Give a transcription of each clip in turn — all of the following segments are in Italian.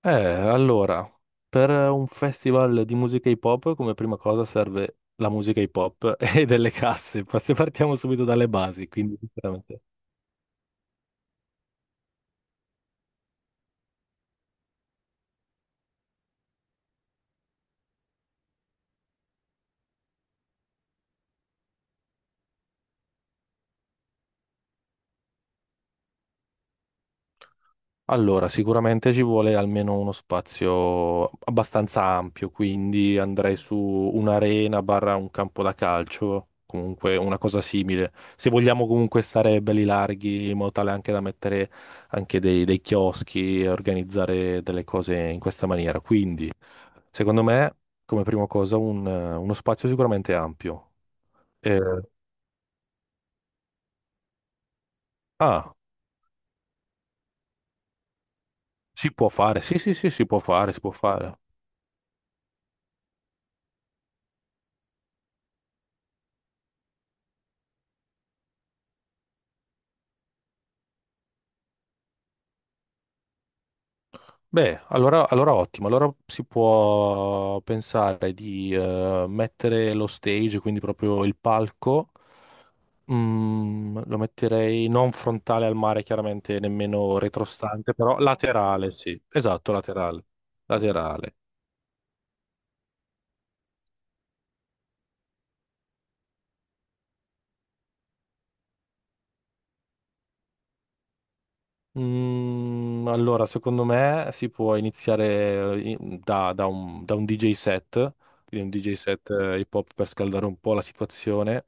Allora, per un festival di musica hip hop, come prima cosa serve la musica hip hop e delle casse. Se partiamo subito dalle basi, quindi sicuramente. Allora, sicuramente ci vuole almeno uno spazio abbastanza ampio, quindi andrei su un'arena barra un campo da calcio, comunque una cosa simile. Se vogliamo comunque stare belli larghi, in modo tale anche da mettere anche dei chioschi e organizzare delle cose in questa maniera. Quindi. Secondo me, come prima cosa, uno spazio sicuramente ampio. Eh, ah, si può fare, sì, sì, sì, si può fare, si può fare. Beh, allora ottimo, allora si può pensare di mettere lo stage, quindi proprio il palco. Lo metterei non frontale al mare, chiaramente nemmeno retrostante, però laterale, sì, esatto, laterale, laterale. Allora, secondo me si può iniziare da un DJ set, quindi un DJ set hip hop per scaldare un po' la situazione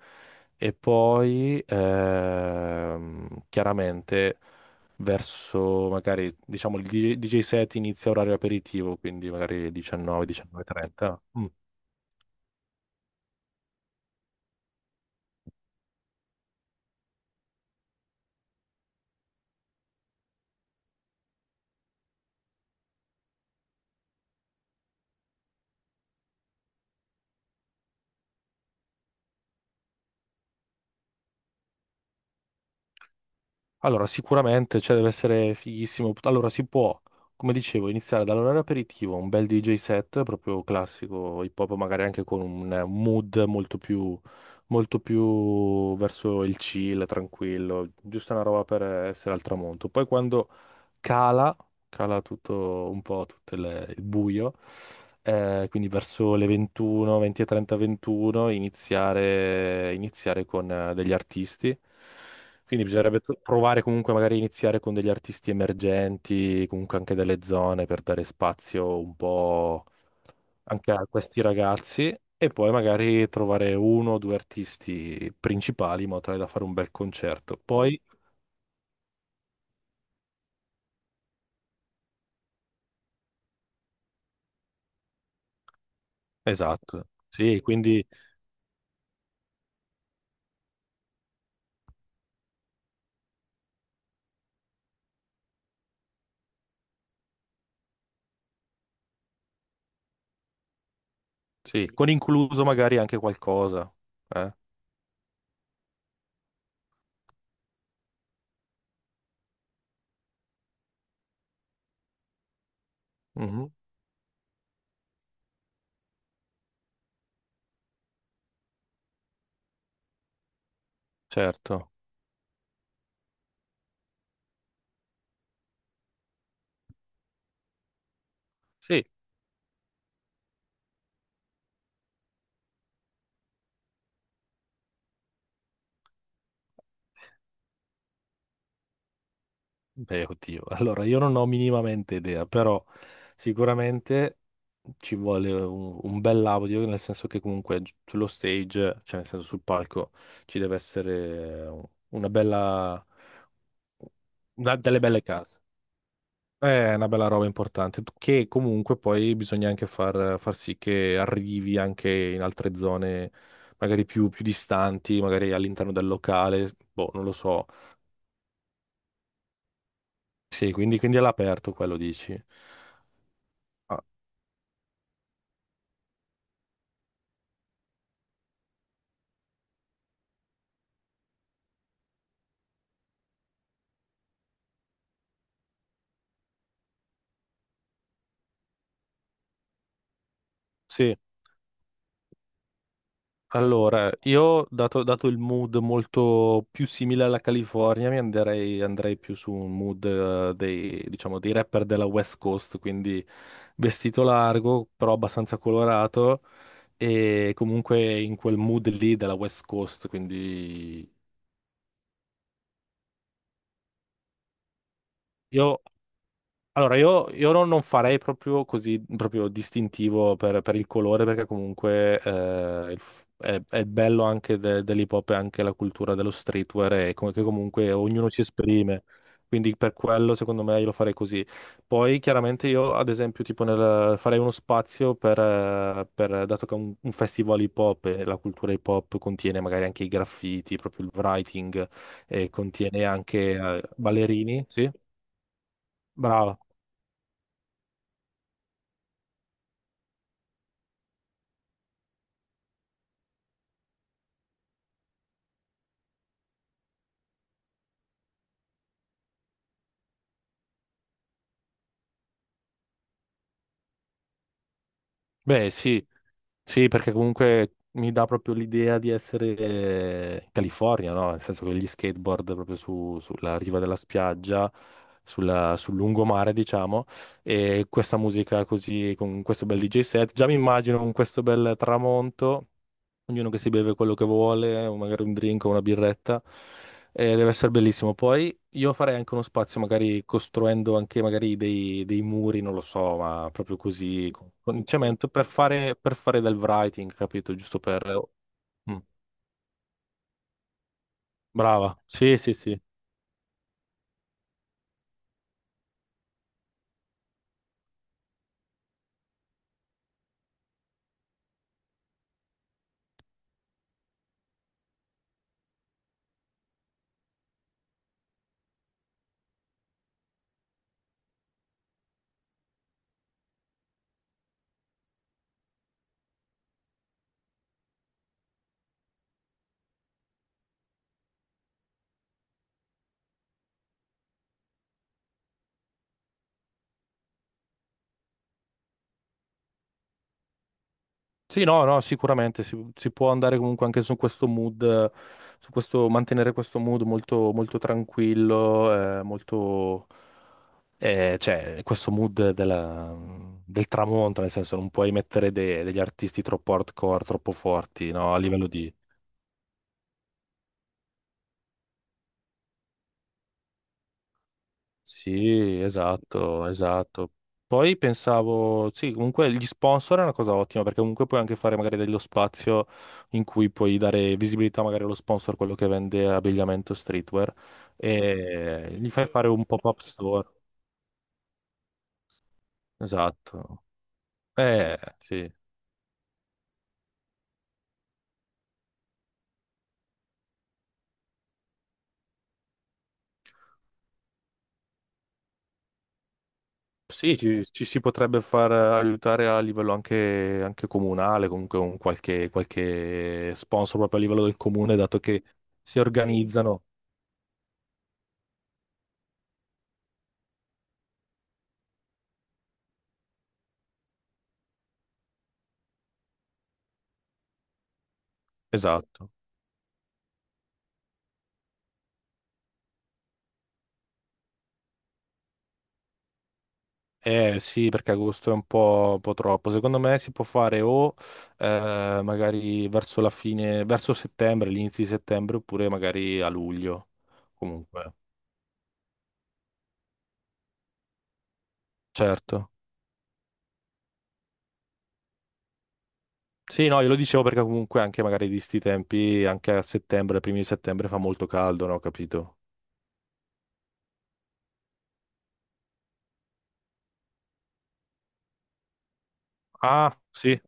e poi chiaramente verso magari diciamo il DJ set inizia orario aperitivo, quindi magari 19, 19.30. Allora, sicuramente, cioè, deve essere fighissimo. Allora, si può, come dicevo, iniziare dall'orario aperitivo, un bel DJ set, proprio classico hip hop, magari anche con un mood molto più verso il chill, tranquillo, giusto una roba per essere al tramonto. Poi quando cala, cala tutto un po', tutto il buio. Quindi verso le 21, 20.30, 21, iniziare con degli artisti. Quindi bisognerebbe provare comunque magari a iniziare con degli artisti emergenti, comunque anche delle zone per dare spazio un po' anche a questi ragazzi e poi magari trovare uno o due artisti principali in modo tale da fare un bel concerto. Poi, esatto, sì, quindi sì, con incluso magari anche qualcosa. Eh? Mhm, certo. Sì. Beh, oddio, allora io non ho minimamente idea, però sicuramente ci vuole un bel audio, nel senso che comunque sullo stage, cioè nel senso sul palco, ci deve essere una bella, delle belle case. È una bella roba importante, che comunque poi bisogna anche far sì che arrivi anche in altre zone, magari più distanti, magari all'interno del locale, boh, non lo so. Sì, quindi è all'aperto quello dici. Ah, sì. Allora, io dato il mood molto più simile alla California, andrei più su un mood diciamo, dei rapper della West Coast, quindi vestito largo, però abbastanza colorato e comunque in quel mood lì della West Coast, quindi io Allora, io non farei proprio così proprio distintivo per il colore, perché comunque è il bello anche dell'hip hop e anche la cultura dello streetwear, e come, che comunque ognuno si esprime. Quindi per quello, secondo me, io lo farei così. Poi, chiaramente, io, ad esempio, tipo farei uno spazio dato che è un festival hip hop e la cultura hip hop contiene magari anche i graffiti, proprio il writing, e contiene anche ballerini, sì? Brava. Beh, sì. Sì, perché comunque mi dà proprio l'idea di essere in California, no? Nel senso che gli skateboard proprio sulla riva della spiaggia, sul lungomare, diciamo, e questa musica così, con questo bel DJ set. Già mi immagino con questo bel tramonto ognuno che si beve quello che vuole, o magari un drink o una birretta, deve essere bellissimo. Poi io farei anche uno spazio, magari costruendo anche magari dei muri, non lo so, ma proprio così, con il cemento, per fare del writing, capito? Giusto per, oh. Mm, brava, sì, sì, sì. Sì, no, no, sicuramente si può andare comunque anche su questo mood, su questo, mantenere questo mood molto, molto tranquillo, cioè, questo mood del tramonto, nel senso non puoi mettere degli artisti troppo hardcore, troppo forti, no, a livello. Sì, esatto, esatto. Poi pensavo, sì, comunque gli sponsor è una cosa ottima perché comunque puoi anche fare magari dello spazio in cui puoi dare visibilità magari allo sponsor, quello che vende abbigliamento streetwear, e gli fai fare un pop-up store. Esatto. Sì. Sì, ci si potrebbe far aiutare a livello anche comunale, comunque un qualche sponsor proprio a livello del comune, dato che si organizzano. Esatto. Eh sì, perché agosto è un po' troppo. Secondo me si può fare o magari verso la fine, verso settembre, l'inizio di settembre, oppure magari a luglio. Comunque, certo. Sì, no, io lo dicevo perché comunque anche magari di sti tempi, anche a settembre, primi di settembre fa molto caldo, no? Capito? Ah, sì,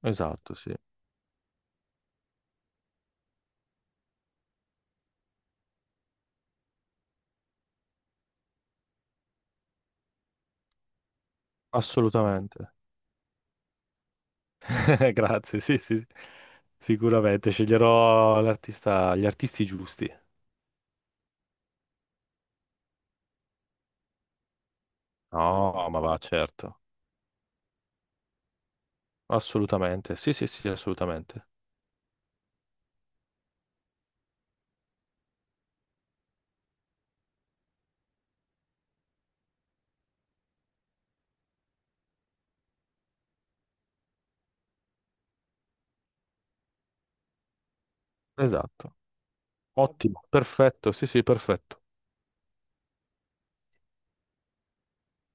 esatto, sì, assolutamente. Grazie, sì, sì, sì. Sicuramente sceglierò l'artista, gli artisti giusti. No, ma va, certo. Assolutamente, sì, sì, sì, assolutamente. Esatto. Ottimo. Ottimo, perfetto, sì, sì, perfetto.